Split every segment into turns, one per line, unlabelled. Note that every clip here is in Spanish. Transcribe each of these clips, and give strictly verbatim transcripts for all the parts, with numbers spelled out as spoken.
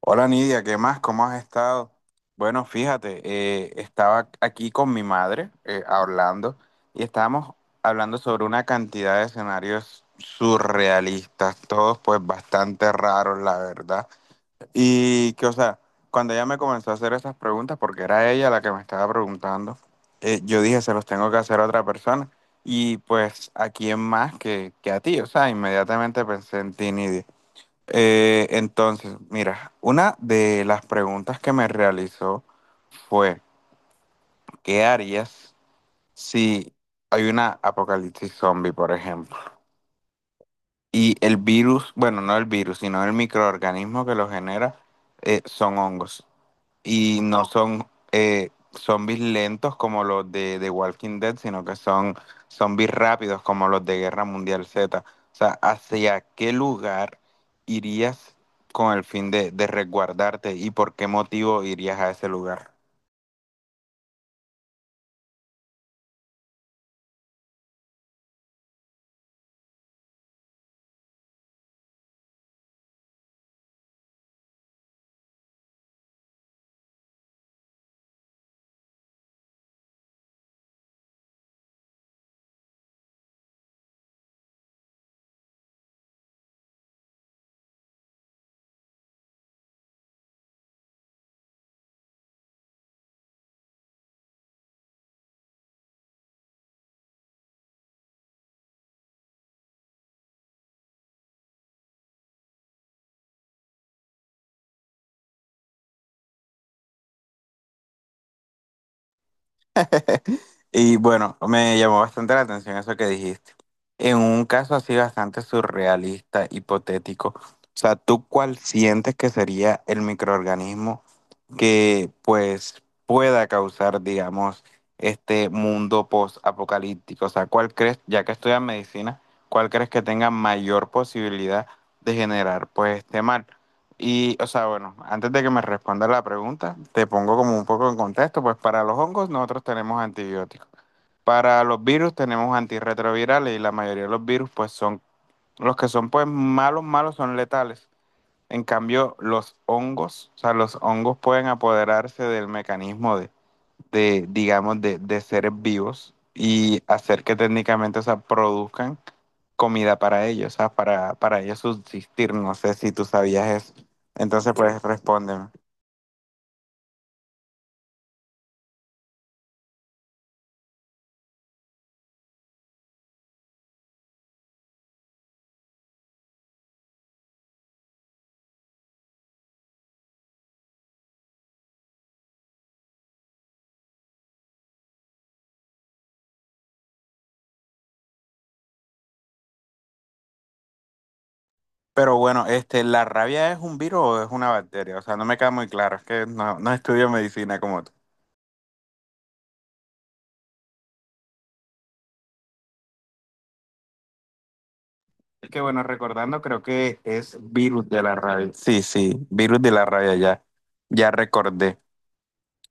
Hola Nidia, ¿qué más? ¿Cómo has estado? Bueno, fíjate, eh, estaba aquí con mi madre eh, hablando y estábamos hablando sobre una cantidad de escenarios surrealistas, todos pues bastante raros, la verdad. Y que, o sea, cuando ella me comenzó a hacer esas preguntas, porque era ella la que me estaba preguntando, eh, yo dije, se los tengo que hacer a otra persona. Y pues, ¿a quién más que, que a ti? O sea, inmediatamente pensé en ti, Nidia. Eh, entonces, mira, una de las preguntas que me realizó fue, ¿qué harías si hay una apocalipsis zombie, por ejemplo? Y el virus, bueno, no el virus, sino el microorganismo que lo genera, eh, son hongos. Y no son eh, zombies lentos como los de, de Walking Dead, sino que son zombies rápidos como los de Guerra Mundial Z. O sea, ¿hacia qué lugar irías con el fin de, de resguardarte y por qué motivo irías a ese lugar? Y bueno, me llamó bastante la atención eso que dijiste. En un caso así bastante surrealista, hipotético, o sea, ¿tú cuál sientes que sería el microorganismo que pues pueda causar, digamos, este mundo post-apocalíptico? O sea, ¿cuál crees, ya que estudias medicina, cuál crees que tenga mayor posibilidad de generar pues este mal? Y, o sea, bueno, antes de que me respondas la pregunta, te pongo como un poco en contexto, pues para los hongos nosotros tenemos antibióticos. Para los virus tenemos antirretrovirales y la mayoría de los virus pues son los que son pues malos, malos son letales. En cambio, los hongos, o sea, los hongos pueden apoderarse del mecanismo de, de, digamos, de, de seres vivos y hacer que técnicamente, o sea, produzcan comida para ellos, o sea, para, para ellos subsistir. No sé si tú sabías eso. Entonces, pues respóndeme. Pero bueno, este, ¿la rabia es un virus o es una bacteria? O sea, no me queda muy claro, es que no, no estudio medicina como tú. Es que bueno, recordando, creo que es virus de la rabia. Sí, sí, virus de la rabia, ya. Ya recordé.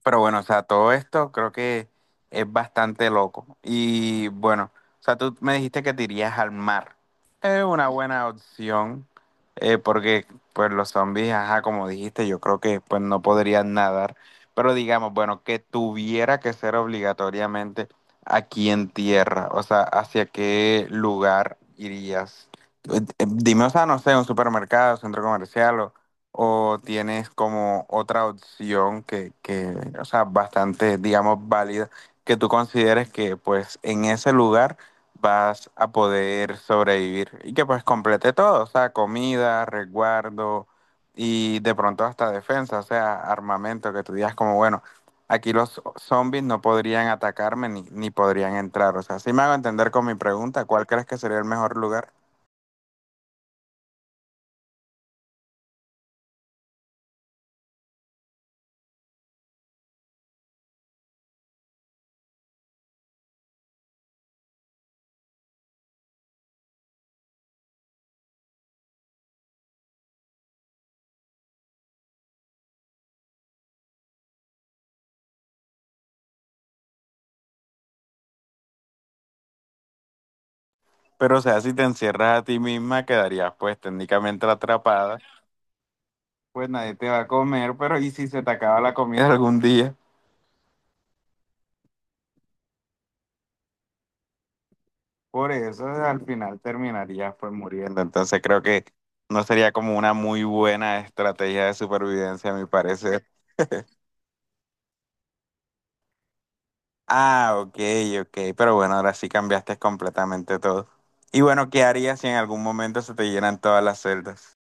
Pero bueno, o sea, todo esto creo que es bastante loco. Y bueno, o sea, tú me dijiste que te irías al mar. Es una buena opción, eh, porque pues los zombies, ajá, como dijiste, yo creo que pues no podrían nadar. Pero digamos, bueno, que tuviera que ser obligatoriamente aquí en tierra. O sea, ¿hacia qué lugar irías? Eh, eh, Dime, o sea, no sé, un supermercado, centro comercial o tienes como otra opción que, que, o sea, bastante, digamos, válida, que tú consideres que pues en ese lugar vas a poder sobrevivir y que pues complete todo, o sea, comida, resguardo y de pronto hasta defensa, o sea, armamento, que tú digas como, bueno, aquí los zombies no podrían atacarme ni, ni podrían entrar, o sea, si me hago entender con mi pregunta, ¿cuál crees que sería el mejor lugar? Pero, o sea, si te encierras a ti misma, quedarías pues técnicamente atrapada, pues nadie te va a comer, pero ¿y si se te acaba la comida algún día? Por eso al final terminarías pues muriendo. Entonces creo que no sería como una muy buena estrategia de supervivencia, a mi parecer. Ah, ok, ok, pero bueno, ahora sí cambiaste completamente todo. Y bueno, ¿qué harías si en algún momento se te llenan todas las celdas?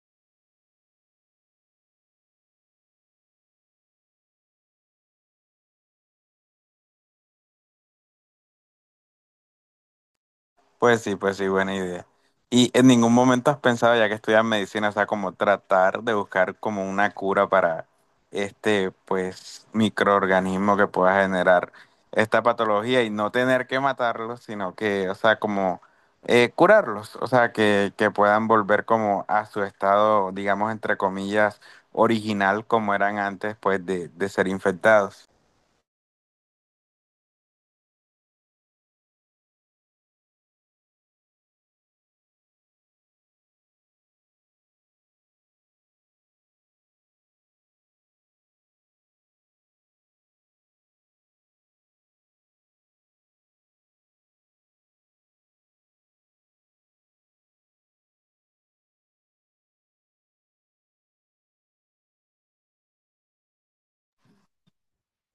Pues sí, pues sí, buena idea. Y en ningún momento has pensado, ya que estudias medicina, o sea, como tratar de buscar como una cura para este, pues, microorganismo que pueda generar esta patología y no tener que matarlos, sino que, o sea, como eh, curarlos, o sea, que, que puedan volver como a su estado, digamos, entre comillas, original como eran antes, pues, de, de ser infectados.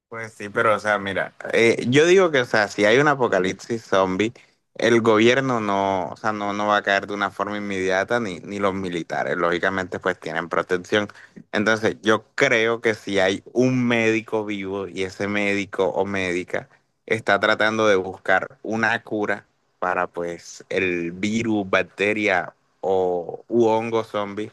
Pues sí, pero o sea, mira, eh, yo digo que, o sea, si hay un apocalipsis zombie, el gobierno no, o sea, no, no va a caer de una forma inmediata, ni, ni los militares, lógicamente, pues tienen protección. Entonces, yo creo que si hay un médico vivo y ese médico o médica está tratando de buscar una cura para, pues, el virus, bacteria o u hongo zombie,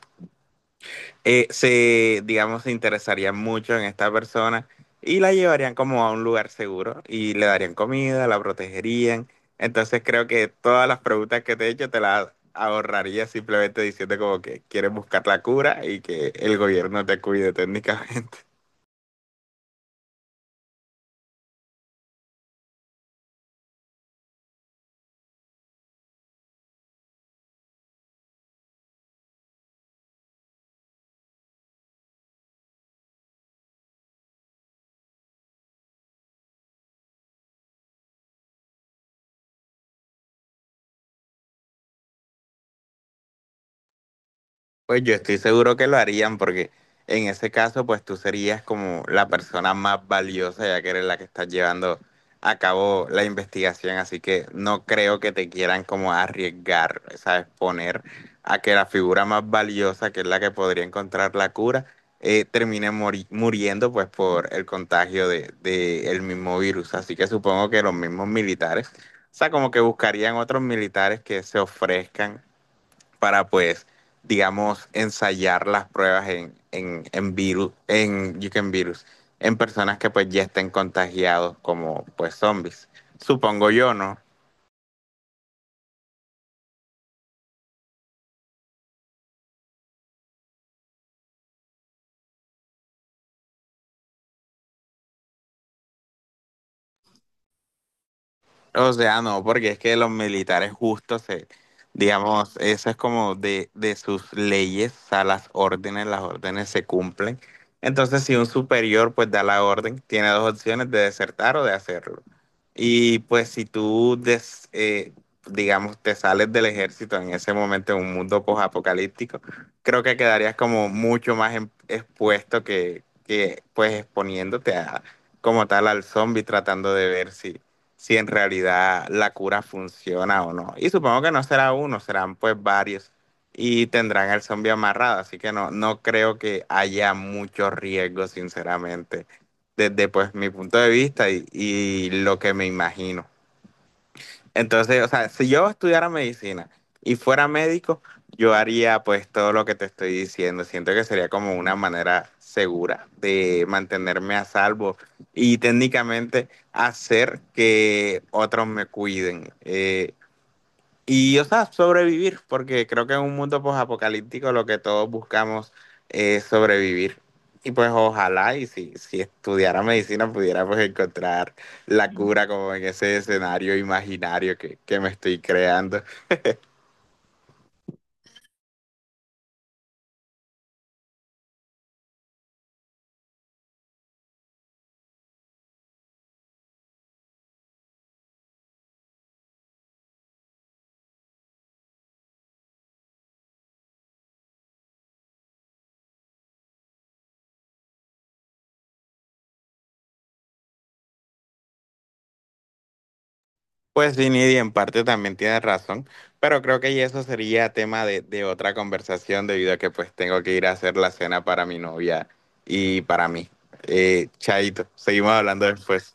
eh, se, digamos, se interesarían mucho en esta persona y la llevarían como a un lugar seguro y le darían comida, la protegerían. Entonces creo que todas las preguntas que te he hecho te las ahorraría simplemente diciendo como que quieres buscar la cura y que el gobierno te cuide técnicamente. Pues yo estoy seguro que lo harían porque en ese caso pues tú serías como la persona más valiosa ya que eres la que estás llevando a cabo la investigación, así que no creo que te quieran como arriesgar, ¿sabes? Poner a que la figura más valiosa, que es la que podría encontrar la cura, eh, termine mori- muriendo pues por el contagio de, de el mismo virus, así que supongo que los mismos militares, o sea, como que buscarían otros militares que se ofrezcan para pues, digamos, ensayar las pruebas en, en, en virus, en you can virus, en personas que pues ya estén contagiados como pues zombies. Supongo yo, ¿no? O sea, no, porque es que los militares justo se, digamos, eso es como de, de sus leyes, o sea, las órdenes, las órdenes se cumplen. Entonces, si un superior pues da la orden, tiene dos opciones de desertar o de hacerlo. Y pues si tú, des- eh, digamos, te sales del ejército en ese momento en un mundo posapocalíptico, creo que quedarías como mucho más em- expuesto que, que pues exponiéndote a, como tal al zombie tratando de ver si si en realidad la cura funciona o no. Y supongo que no será uno, serán pues varios y tendrán el zombie amarrado, así que no, no creo que haya mucho riesgo, sinceramente, desde pues mi punto de vista y, y lo que me imagino. Entonces, o sea, si yo estudiara medicina y fuera médico, yo haría pues todo lo que te estoy diciendo. Siento que sería como una manera segura de mantenerme a salvo y técnicamente hacer que otros me cuiden. Eh, y, o sea, sobrevivir, porque creo que en un mundo posapocalíptico lo que todos buscamos es sobrevivir. Y pues ojalá, y si, si estudiara medicina, pudiera pues encontrar la cura como en ese escenario imaginario que, que me estoy creando. Pues sí, Nidia, en parte también tienes razón, pero creo que ya eso sería tema de, de otra conversación debido a que pues tengo que ir a hacer la cena para mi novia y para mí. Eh, chaito, seguimos hablando después.